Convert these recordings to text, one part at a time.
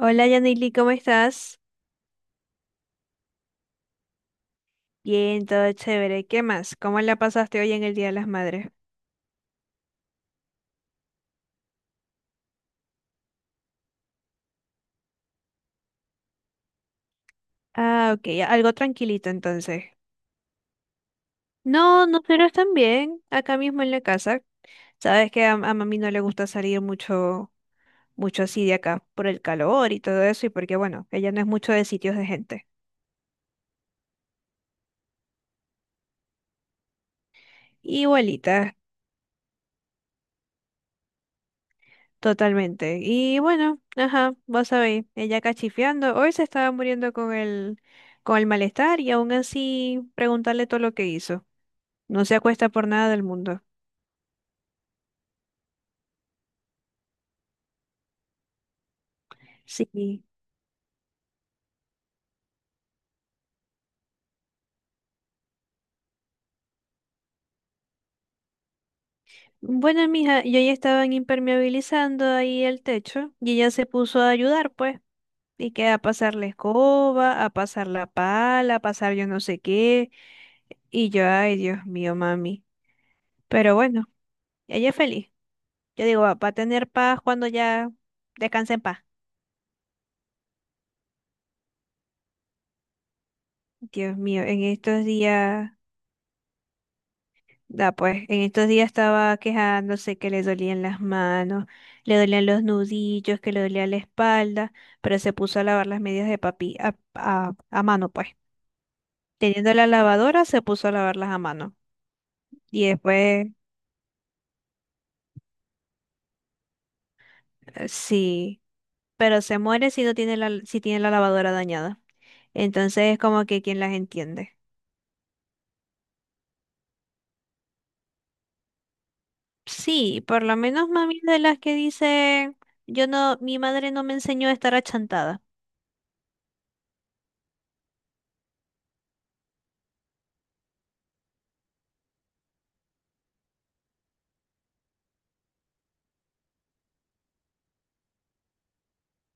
Hola Yanili, ¿cómo estás? Bien, todo chévere. ¿Qué más? ¿Cómo la pasaste hoy en el Día de las Madres? Ah, ok, algo tranquilito entonces. No, nosotros también, acá mismo en la casa. Sabes que a mami no le gusta salir mucho, mucho así de acá, por el calor y todo eso, y porque bueno, ella no es mucho de sitios de gente. Igualita, totalmente. Y bueno, ajá, vos sabéis, ella cachifiando, hoy se estaba muriendo con el malestar y aún así preguntarle todo lo que hizo. No se acuesta por nada del mundo. Sí. Bueno, mija, yo ya estaban impermeabilizando ahí el techo y ella se puso a ayudar, pues. Y que a pasar la escoba, a pasar la pala, a pasar yo no sé qué. Y yo, ay, Dios mío, mami. Pero bueno, ella es feliz. Yo digo, va a tener paz cuando ya descanse en paz. Dios mío, en estos días. Da pues, en estos días estaba quejándose que le dolían las manos, le dolían los nudillos, que le dolía la espalda, pero se puso a lavar las medias de papi a mano, pues. Teniendo la lavadora, se puso a lavarlas a mano. Y después, sí, pero se muere si no tiene la, si tiene la lavadora dañada. Entonces es como que quién las entiende. Sí, por lo menos mami es de las que dice, yo no, mi madre no me enseñó a estar achantada.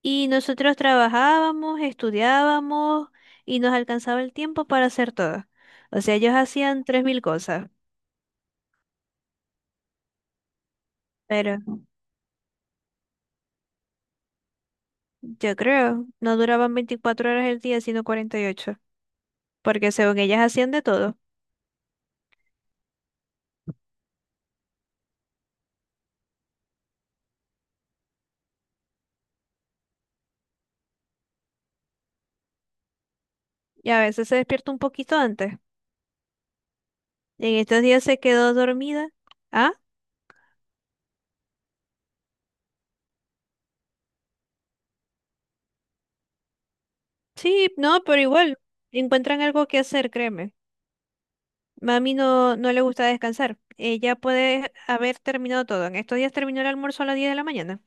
Y nosotros trabajábamos, estudiábamos y nos alcanzaba el tiempo para hacer todo. O sea, ellos hacían 3.000 cosas, pero yo creo, no duraban 24 horas el día, sino 48, porque según ellas hacían de todo. Y a veces se despierta un poquito antes. En estos días se quedó dormida. Ah, sí, no, pero igual, encuentran algo que hacer, créeme. Mami no, no le gusta descansar. Ella puede haber terminado todo. En estos días terminó el almuerzo a las 10 de la mañana.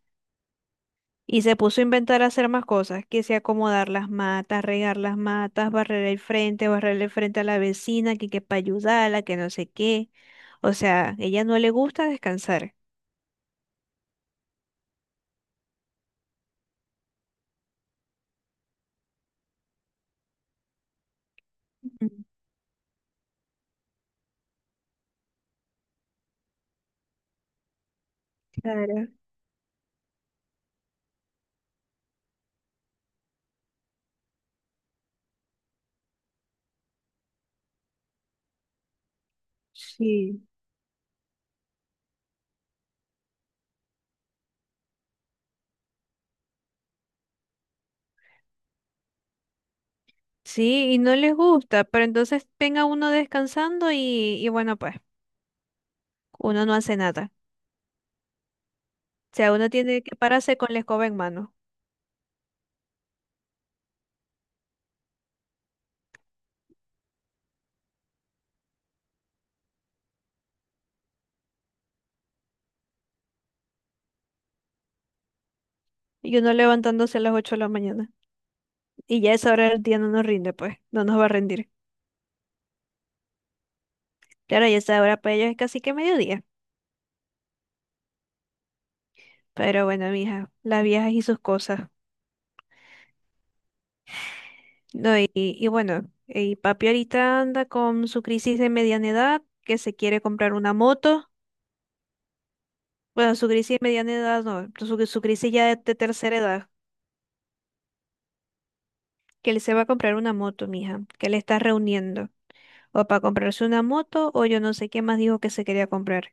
Y se puso a inventar hacer más cosas, que sea acomodar las matas, regar las matas, barrer el frente a la vecina, que para ayudarla, que no sé qué. O sea, ella no le gusta descansar. Mm, claro, sí. Sí, y no les gusta, pero entonces venga uno descansando y bueno, pues uno no hace nada. O sea, uno tiene que pararse con la escoba en mano y uno levantándose a las 8 de la mañana. Y ya a esa hora del día no nos rinde, pues, no nos va a rendir. Claro, y esa hora para ellos es casi que mediodía. Pero bueno, mija, las viejas y sus cosas. No, y bueno, y papi ahorita anda con su crisis de mediana edad, que se quiere comprar una moto. Bueno, su crisis de mediana edad no, su crisis ya de tercera edad, que él se va a comprar una moto, mija, que le está reuniendo. O para comprarse una moto, o yo no sé qué más dijo que se quería comprar.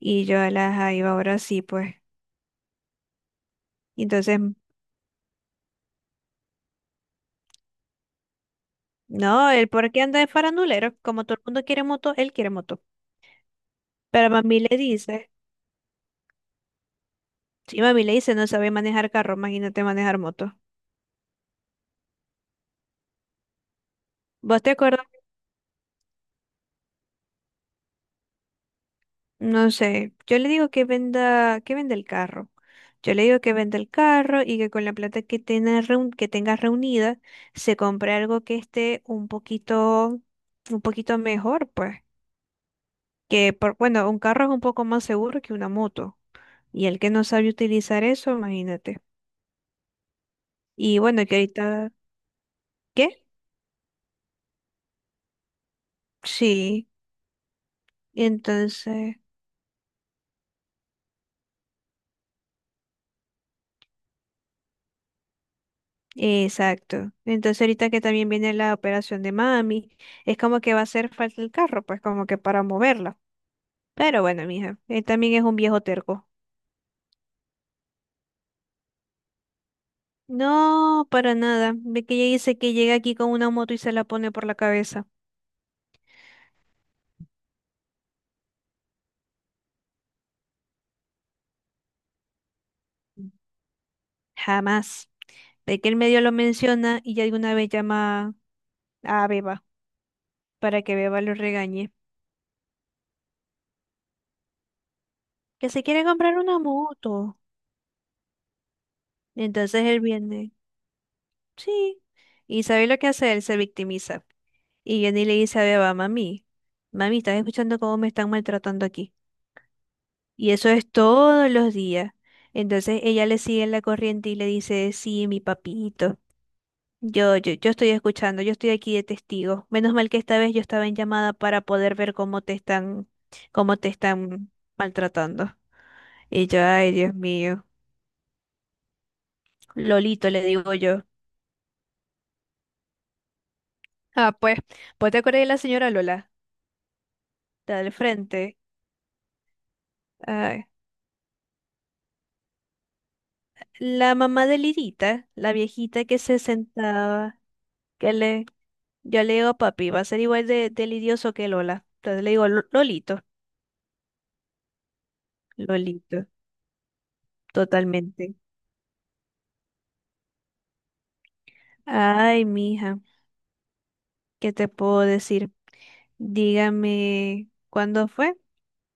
Y yo a la iba ahora sí, pues. Y Entonces, no, él por qué anda de farandulero, como todo el mundo quiere moto, él quiere moto. Pero mami le dice. Sí, mami le dice, no sabe manejar carro, imagínate manejar moto. ¿Vos te acuerdas? No sé, yo le digo que venda el carro. Yo le digo que venda el carro y que con la plata que tenga, que tenga reunida se compre algo que esté un poquito mejor, pues. Que por, bueno, un carro es un poco más seguro que una moto. Y el que no sabe utilizar eso, imagínate. Y bueno, que ahorita, ¿qué? Sí, entonces. Exacto. Entonces ahorita que también viene la operación de mami, es como que va a hacer falta el carro, pues como que para moverla. Pero bueno, mija, él también es un viejo terco. No, para nada. Ve que ella dice que llega aquí con una moto y se la pone por la cabeza. Jamás. Ve que el medio lo menciona y ya de una vez llama a Beba para que Beba lo regañe. Que se quiere comprar una moto. Entonces él viene. Sí. ¿Y sabe lo que hace? Él se victimiza. Y Johnny le dice a Beba, mami, mami, estás escuchando cómo me están maltratando aquí. Y eso es todos los días. Entonces ella le sigue en la corriente y le dice, sí, mi papito. Yo estoy escuchando, yo estoy aquí de testigo. Menos mal que esta vez yo estaba en llamada para poder ver cómo te están maltratando. Y yo, ay, Dios mío. Lolito, le digo yo. Ah, pues, ¿vos te acordás de la señora Lola? La del frente. Ay, la mamá de Lidita, la viejita que se sentaba, que le, yo le digo, papi, va a ser igual de lidioso que Lola. Entonces le digo, "Lolito, Lolito, totalmente. Ay, mija, ¿qué te puedo decir? Dígame, ¿cuándo fue?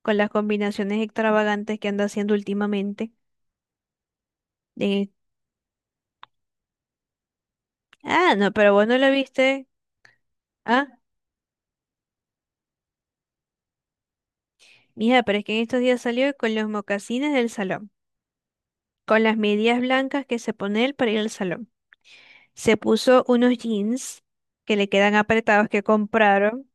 Con las combinaciones extravagantes que anda haciendo últimamente. De- Ah, no, pero vos no lo viste. Ah, mija, pero es que en estos días salió con los mocasines del salón, con las medias blancas que se pone él para ir al salón. Se puso unos jeans que le quedan apretados que compraron,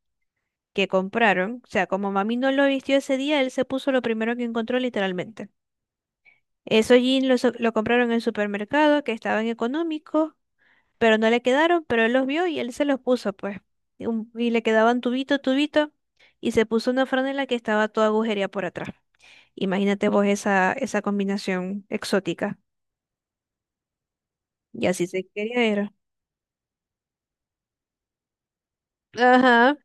que compraron. O sea, como mami no lo vistió ese día, él se puso lo primero que encontró literalmente. Esos jeans los, lo compraron en el supermercado, que estaban económicos, pero no le quedaron, pero él los vio y él se los puso, pues. Y, y le quedaban tubito, tubito, y se puso una franela que estaba toda agujería por atrás. Imagínate vos esa combinación exótica. Y así se quería ir. Ajá.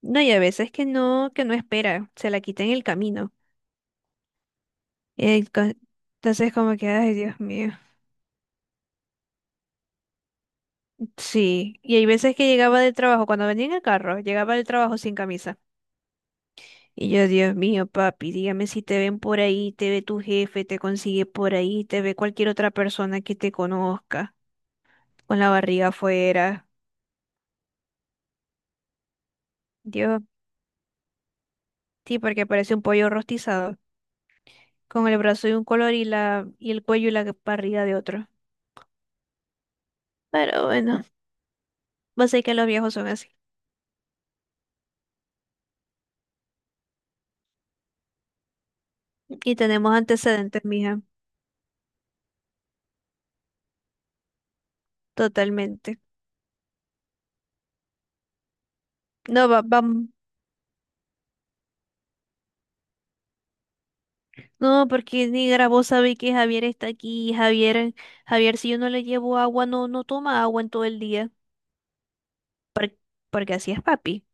No, y a veces que no espera, se la quita en el camino. Eh, co- Entonces como que, ay, Dios mío. Sí, y hay veces que llegaba del trabajo, cuando venía en el carro, llegaba del trabajo sin camisa. Y yo, Dios mío, papi, dígame si te ven por ahí, te ve tu jefe, te consigue por ahí, te ve cualquier otra persona que te conozca, con la barriga afuera. Dios, sí, porque parece un pollo rostizado, con el brazo de un color y la, y el cuello y la barriga de otro. Pero bueno, vos sabés que los viejos son así. Y tenemos antecedentes, mija, totalmente. No, va, No, porque ni grabó sabe que Javier está aquí. Javier, Javier, si yo no le llevo agua, no toma agua en todo el día, porque así es papi.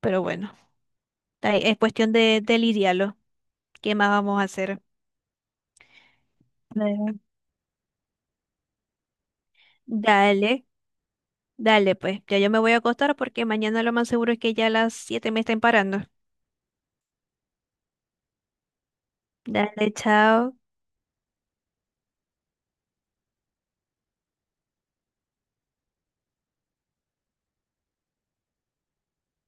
Pero bueno, ahí es cuestión de lidiarlo. ¿Qué más vamos a hacer? Claro. Dale, dale, pues. Ya yo me voy a acostar porque mañana lo más seguro es que ya a las 7 me estén parando. Dale, chao.